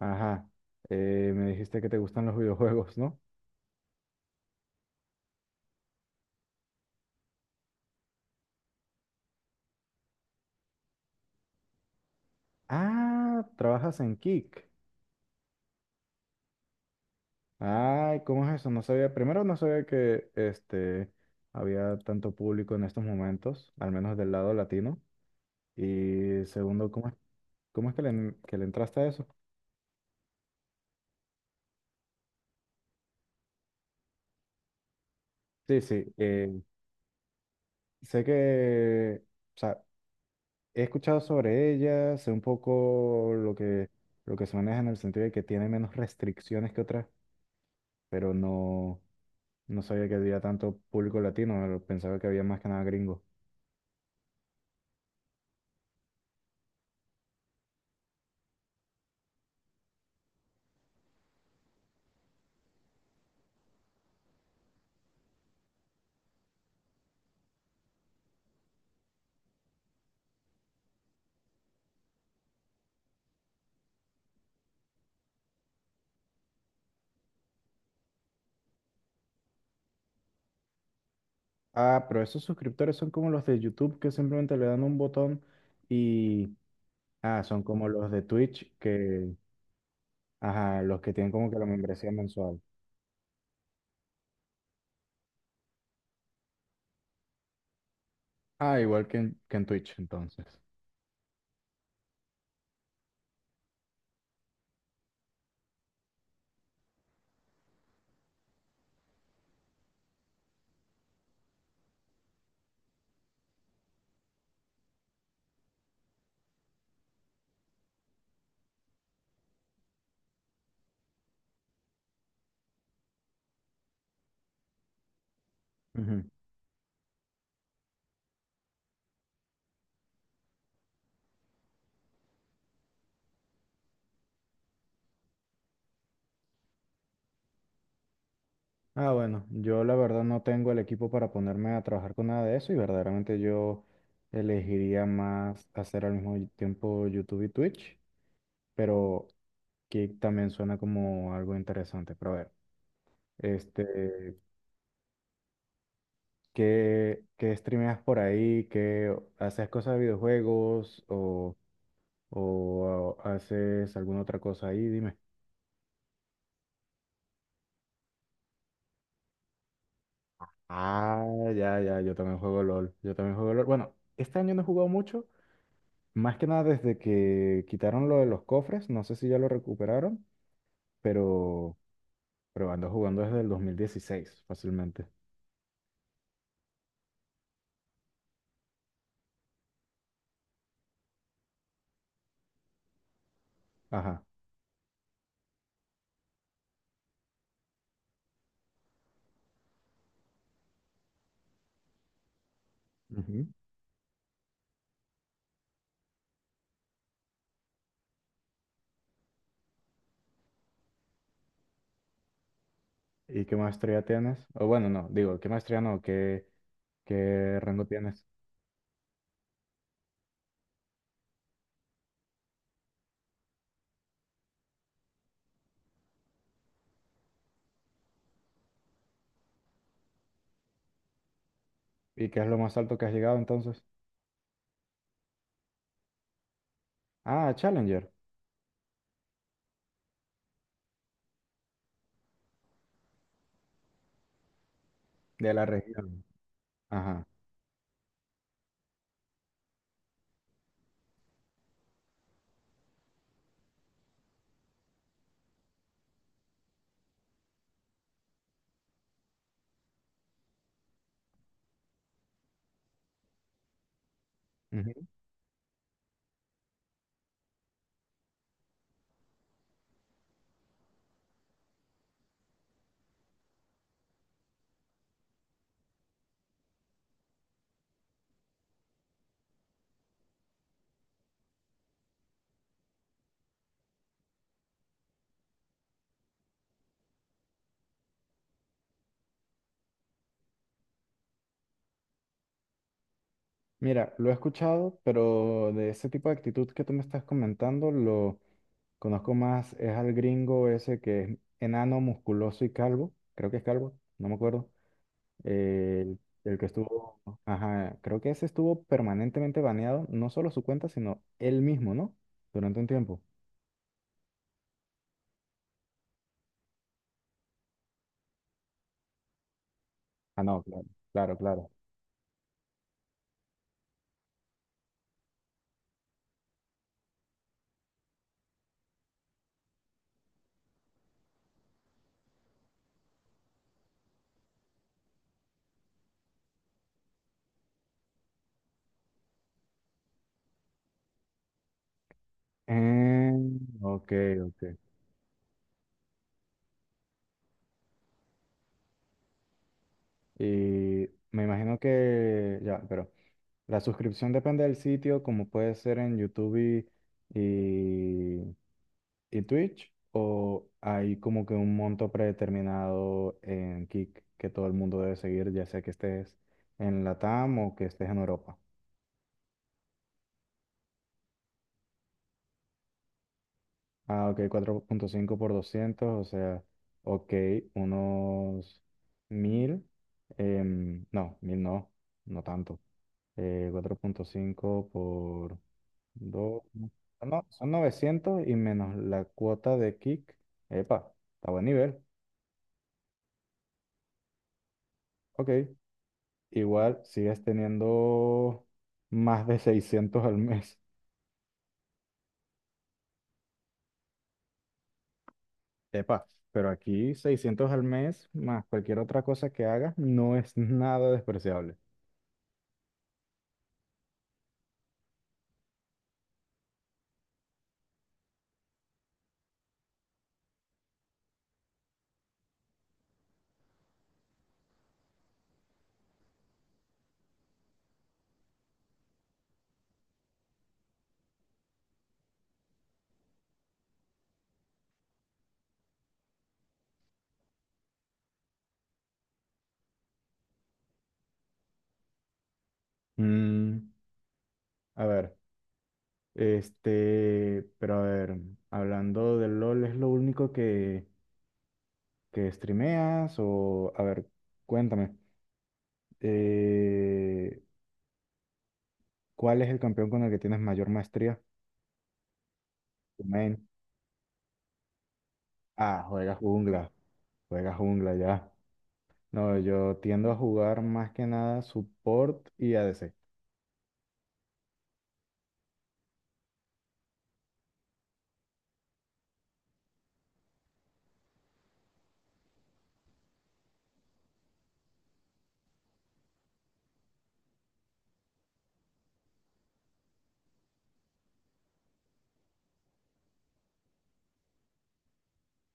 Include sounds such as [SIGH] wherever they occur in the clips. Ajá. Me dijiste que te gustan los videojuegos, ¿no? Ah, trabajas en Kick. Ay, ¿cómo es eso? No sabía, primero no sabía que había tanto público en estos momentos, al menos del lado latino. Y segundo, ¿cómo es que le entraste a eso? Sí, sí, sé que, o sea, he escuchado sobre ella, sé un poco lo que, se maneja en el sentido de que tiene menos restricciones que otras, pero no. No sabía que había tanto público latino, pero pensaba que había más que nada gringo. Ah, pero esos suscriptores son como los de YouTube que simplemente le dan un botón y. Ah, son como los de Twitch que. Ajá, los que tienen como que la membresía mensual. Ah, igual que en Twitch, entonces. Ujú. Ah, bueno, yo la verdad no tengo el equipo para ponerme a trabajar con nada de eso y verdaderamente yo elegiría más hacer al mismo tiempo YouTube y Twitch, pero que también suena como algo interesante. Pero a ver. Este, ¿Qué streameas por ahí? ¿Qué haces cosas de videojuegos o, haces alguna otra cosa ahí? Dime. Ah, ya, ya, yo también juego LOL. Yo también juego LOL. Bueno, este año no he jugado mucho, más que nada desde que quitaron lo de los cofres. No sé si ya lo recuperaron, pero, pero ando jugando desde el 2016, fácilmente. Ajá. Ujú. ¿Y qué maestría tienes? O bueno, no, digo, ¿qué maestría no? ¿Qué rango tienes? ¿Y qué es lo más alto que has llegado entonces? Ah, Challenger, de la región. Ajá. Ujú. Mira, lo he escuchado, pero de ese tipo de actitud que tú me estás comentando, lo conozco más, es al gringo ese que es enano, musculoso y calvo, creo que es calvo, no me acuerdo. El que estuvo, ajá, creo que ese estuvo permanentemente baneado, no solo su cuenta, sino él mismo, ¿no? Durante un tiempo. Ah, no, claro, claro, claro. Eh, ok, ok. Y me imagino que ya, pero la suscripción depende del sitio, como puede ser en YouTube y, y Twitch, o hay como que un monto predeterminado en Kick que todo el mundo debe seguir, ya sea que estés en LATAM o que estés en Europa. Ah, ok, 4,5 por 200, o sea, ok, unos 1000 no, 1000 no, no tanto, 4,5 por. Dos, no. Son 900 y menos la cuota de Kick. Epa, está a buen nivel. Ok. Igual sigues teniendo más de 600 al mes. Epa, pero aquí 600 al mes más cualquier otra cosa que hagas no es nada despreciable. Mm, a ver, pero a ver, hablando del LOL, ¿es lo único que, streameas? O, a ver, cuéntame. Eh, ¿Cuál es el campeón con el que tienes mayor maestría? Main. Ah, juega jungla. Juega jungla ya. No, yo tiendo a jugar más que nada support y ADC.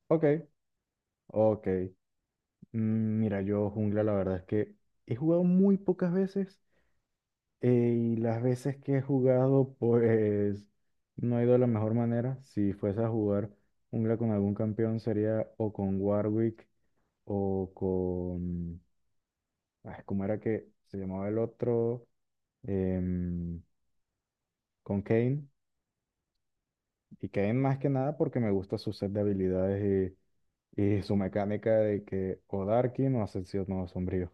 Ok, ok. Mira, yo jungla la verdad es que he jugado muy pocas veces eh, y las veces que he jugado pues no ha ido de la mejor manera. Si fuese a jugar jungla con algún campeón sería o con Warwick o con. Ah, ¿cómo era que se llamaba el otro? em, con Kane. Y Kane más que nada porque me gusta su set de habilidades y su mecánica de que o Darkin o Ascensión no Sombrío.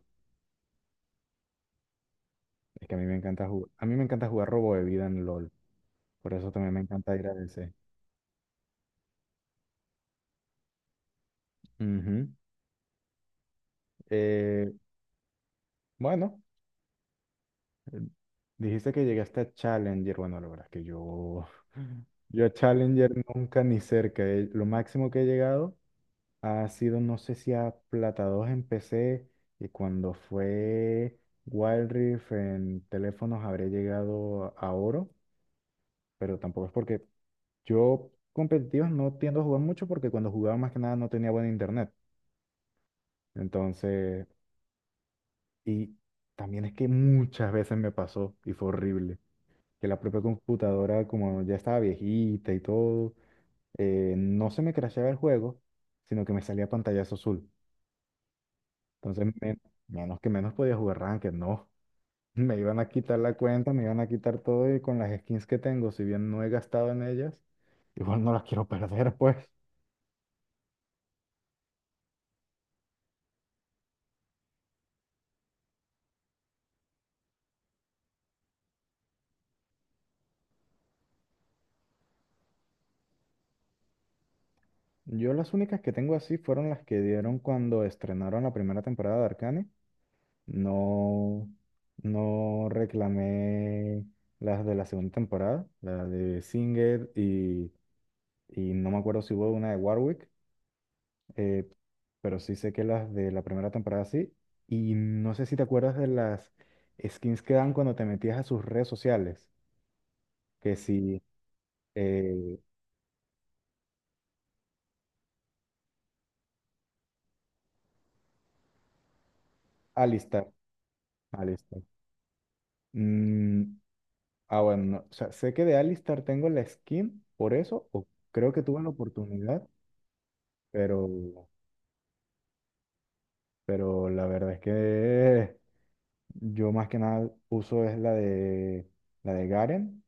Es que a mí me encanta jugar, a mí me encanta jugar robo de vida en LOL. Por eso también me encanta ir a DC. Ujú. Eh, bueno, eh, dijiste que llegaste a Challenger. Bueno, la verdad es que yo, a Challenger nunca ni cerca. Lo máximo que he llegado ha sido, no sé si a Plata 2 en PC y cuando fue Wild Rift en teléfonos habré llegado a oro, pero tampoco es porque yo competitivos no tiendo a jugar mucho porque cuando jugaba más que nada no tenía buen internet. Entonces, y también es que muchas veces me pasó y fue horrible, que la propia computadora como ya estaba viejita y todo, no se me crasheaba el juego, sino que me salía pantallazo azul. Entonces, menos que menos podía jugar Ranked, no. [LAUGHS] Me iban a quitar la cuenta, me iban a quitar todo y con las skins que tengo, si bien no he gastado en ellas, igual no las quiero [LAUGHS] perder, pues. Yo las únicas que tengo así fueron las que dieron cuando estrenaron la primera temporada de Arcane. No, no reclamé las de la segunda temporada, la de Singed y no me acuerdo si hubo una de Warwick. eh, pero sí sé que las de la primera temporada sí. Y no sé si te acuerdas de las skins que dan cuando te metías a sus redes sociales. Que si eh, Alistar, Alistar. Mm, ah, bueno, no, o sea, sé que de Alistar tengo la skin por eso, o creo que tuve la oportunidad, pero, la verdad es que yo más que nada uso es la de Garen.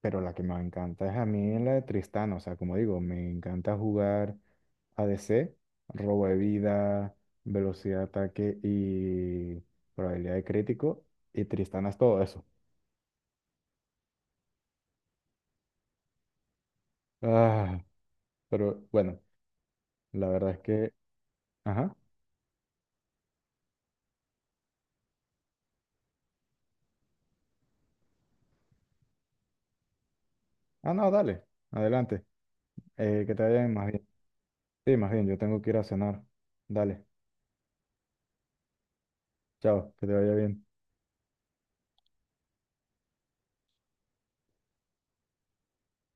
Pero la que me encanta es a mí la de Tristán, o sea, como digo, me encanta jugar ADC, robo de vida, velocidad de ataque y probabilidad de crítico, y Tristana es todo eso. Ah, pero bueno, la verdad es que. Ajá. Ah, no, dale, adelante. Que te vaya más bien. Sí, más bien, yo tengo que ir a cenar. Dale, chao, que te vaya bien.